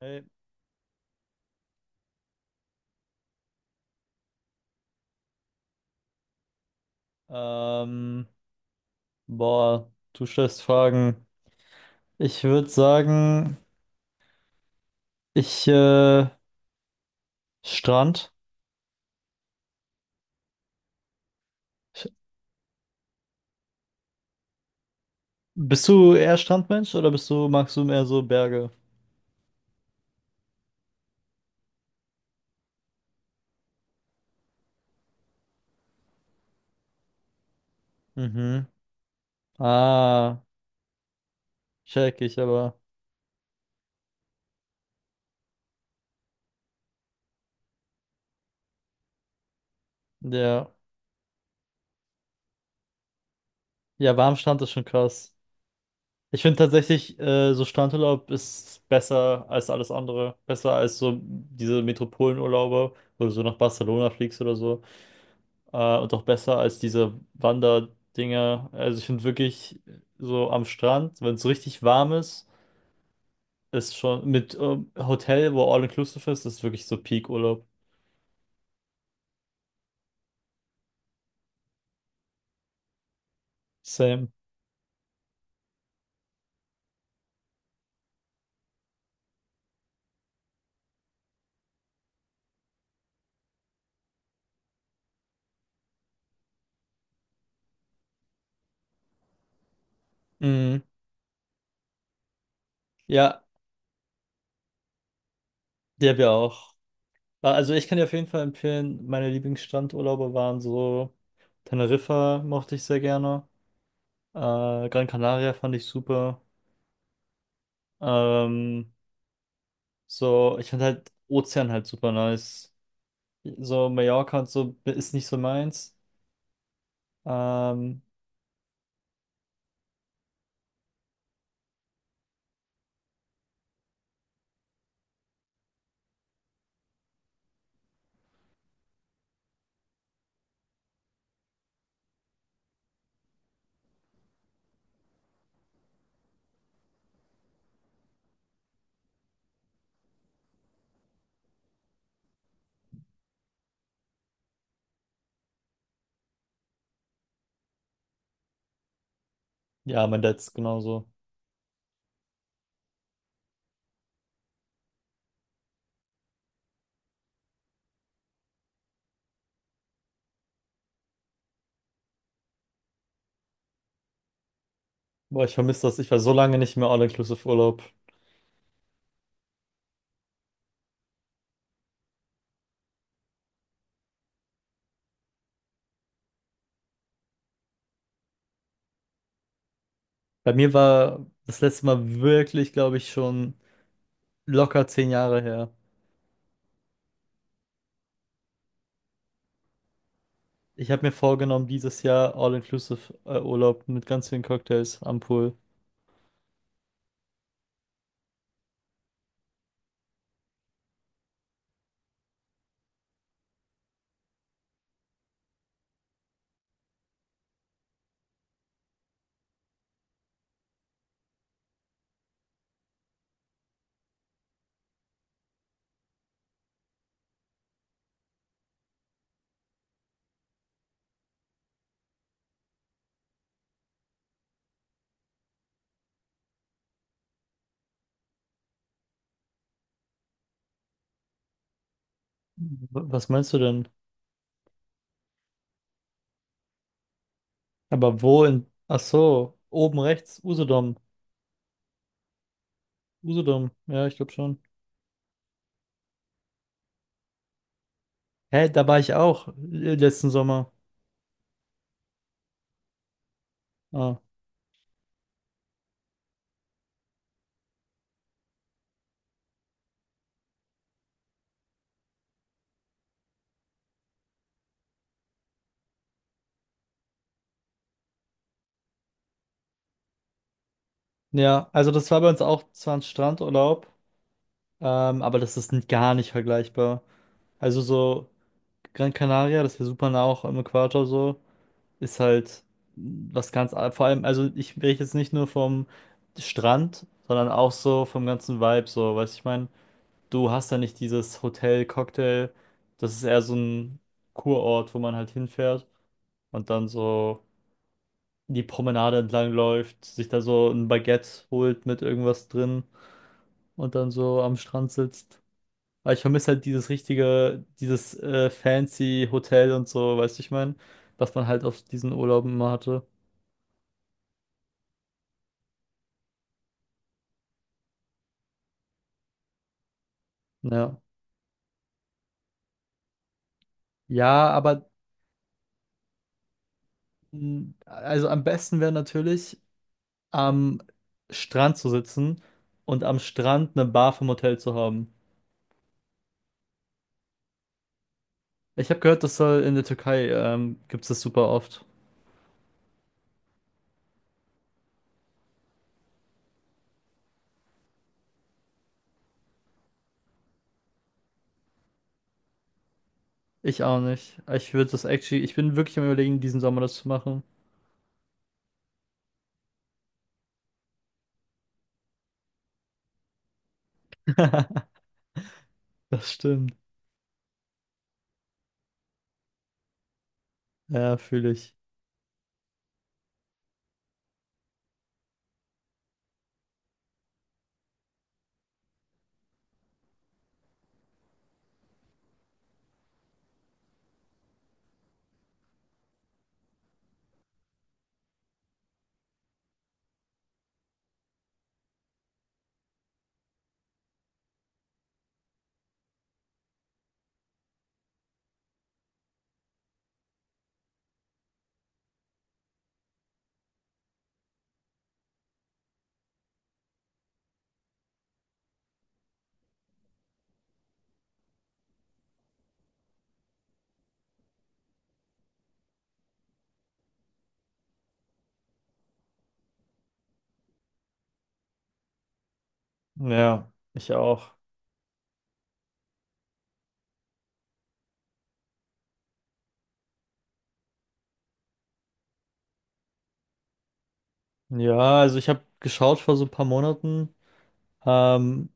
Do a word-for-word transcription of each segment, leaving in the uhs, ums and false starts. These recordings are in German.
Hey, ähm, boah, du stellst Fragen. Ich würde sagen, ich, äh, Strand. Ich, Bist du eher Strandmensch oder bist du, magst du mehr so Berge? Mhm. Ah, check ich, aber der, ja, warm Strand ist schon krass. Ich finde tatsächlich, äh, so Strandurlaub ist besser als alles andere. Besser als so diese Metropolenurlaube, wo du so nach Barcelona fliegst oder so. Äh, und auch besser als diese Wanderdinger. Also ich finde wirklich so am Strand, wenn es richtig warm ist, ist schon mit ähm, Hotel, wo all inclusive ist, ist wirklich so Peak-Urlaub. Same. Mhm. Ja, die habe ich auch. Ah, Also ich kann dir auf jeden Fall empfehlen, meine Lieblingsstrandurlaube waren so Teneriffa mochte ich sehr gerne. Äh, Gran Canaria fand ich super. Ähm, so, Ich fand halt Ozean halt super nice. So Mallorca und so ist nicht so meins. Ähm, ja, mein Dad's genauso. Boah, ich vermisse das. Ich war so lange nicht mehr All-Inclusive-Urlaub. Bei mir war das letzte Mal wirklich, glaube ich, schon locker zehn Jahre her. Ich habe mir vorgenommen, dieses Jahr All-Inclusive-Urlaub mit ganz vielen Cocktails am Pool. W- Was meinst du denn? Aber wo in... Ach so, oben rechts, Usedom. Usedom, ja, ich glaube schon. Hä, da war ich auch äh, letzten Sommer. Ah. Ja, also das war bei uns auch zwar ein Strandurlaub. Ähm, aber das ist n- gar nicht vergleichbar. Also so Gran Canaria, das ist ja super nah auch am Äquator so, ist halt was ganz, a- vor allem, also ich rede jetzt nicht nur vom Strand, sondern auch so vom ganzen Vibe so, weißt du, ich meine, du hast da nicht dieses Hotel, Cocktail, das ist eher so ein Kurort, wo man halt hinfährt und dann so die Promenade entlang läuft, sich da so ein Baguette holt mit irgendwas drin und dann so am Strand sitzt. Aber ich vermisse halt dieses richtige, dieses äh, fancy Hotel und so, weißt du, ich meine, was man halt auf diesen Urlauben immer hatte. Ja. Ja, aber mh, also am besten wäre natürlich am Strand zu sitzen und am Strand eine Bar vom Hotel zu haben. Ich habe gehört, das soll in der Türkei ähm, gibt es das super oft. Ich auch nicht. Ich würde das actually, ich bin wirklich am Überlegen, diesen Sommer das zu machen. Das stimmt. Ja, fühle ich. Ja, ich auch. Ja, also ich habe geschaut vor so ein paar Monaten. Ähm,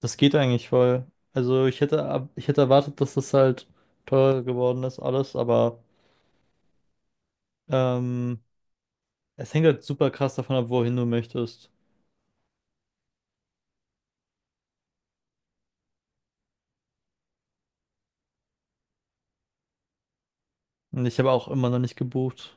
Das geht eigentlich voll. Also ich hätte, ab- ich hätte erwartet, dass das halt teurer geworden ist, alles, aber ähm, es hängt halt super krass davon ab, wohin du möchtest. Und ich habe auch immer noch nicht gebucht.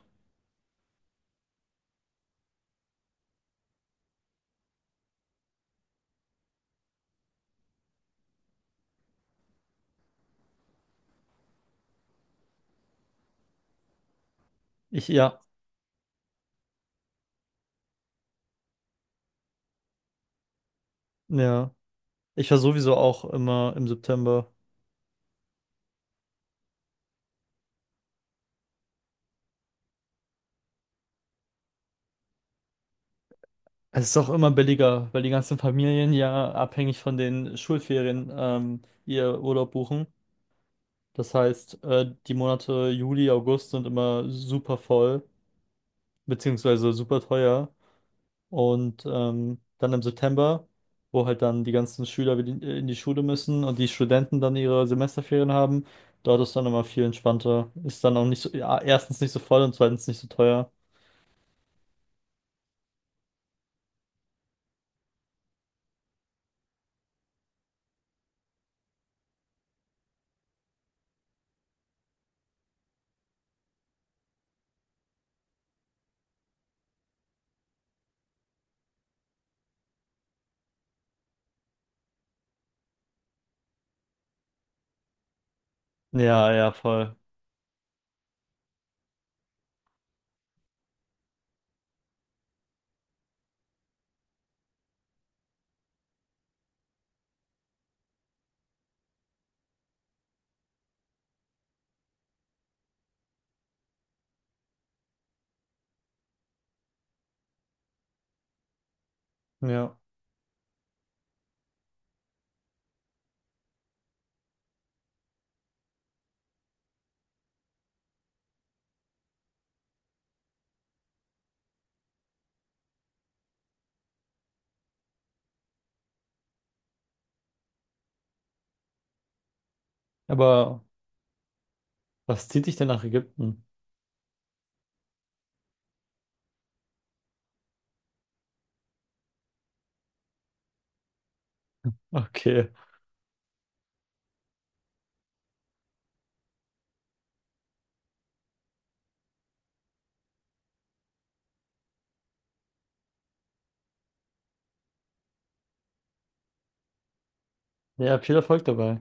Ich, ja, ja. Ich war sowieso auch immer im September. Es ist auch immer billiger, weil die ganzen Familien ja abhängig von den Schulferien ähm, ihr Urlaub buchen. Das heißt, äh, die Monate Juli, August sind immer super voll, beziehungsweise super teuer. Und ähm, dann im September, wo halt dann die ganzen Schüler wieder in in die Schule müssen und die Studenten dann ihre Semesterferien haben, dort ist dann immer viel entspannter. Ist dann auch nicht so, ja, erstens nicht so voll und zweitens nicht so teuer. Ja, ja, voll. Ja. Aber was zieht dich denn nach Ägypten? Okay. Ja, viel Erfolg dabei.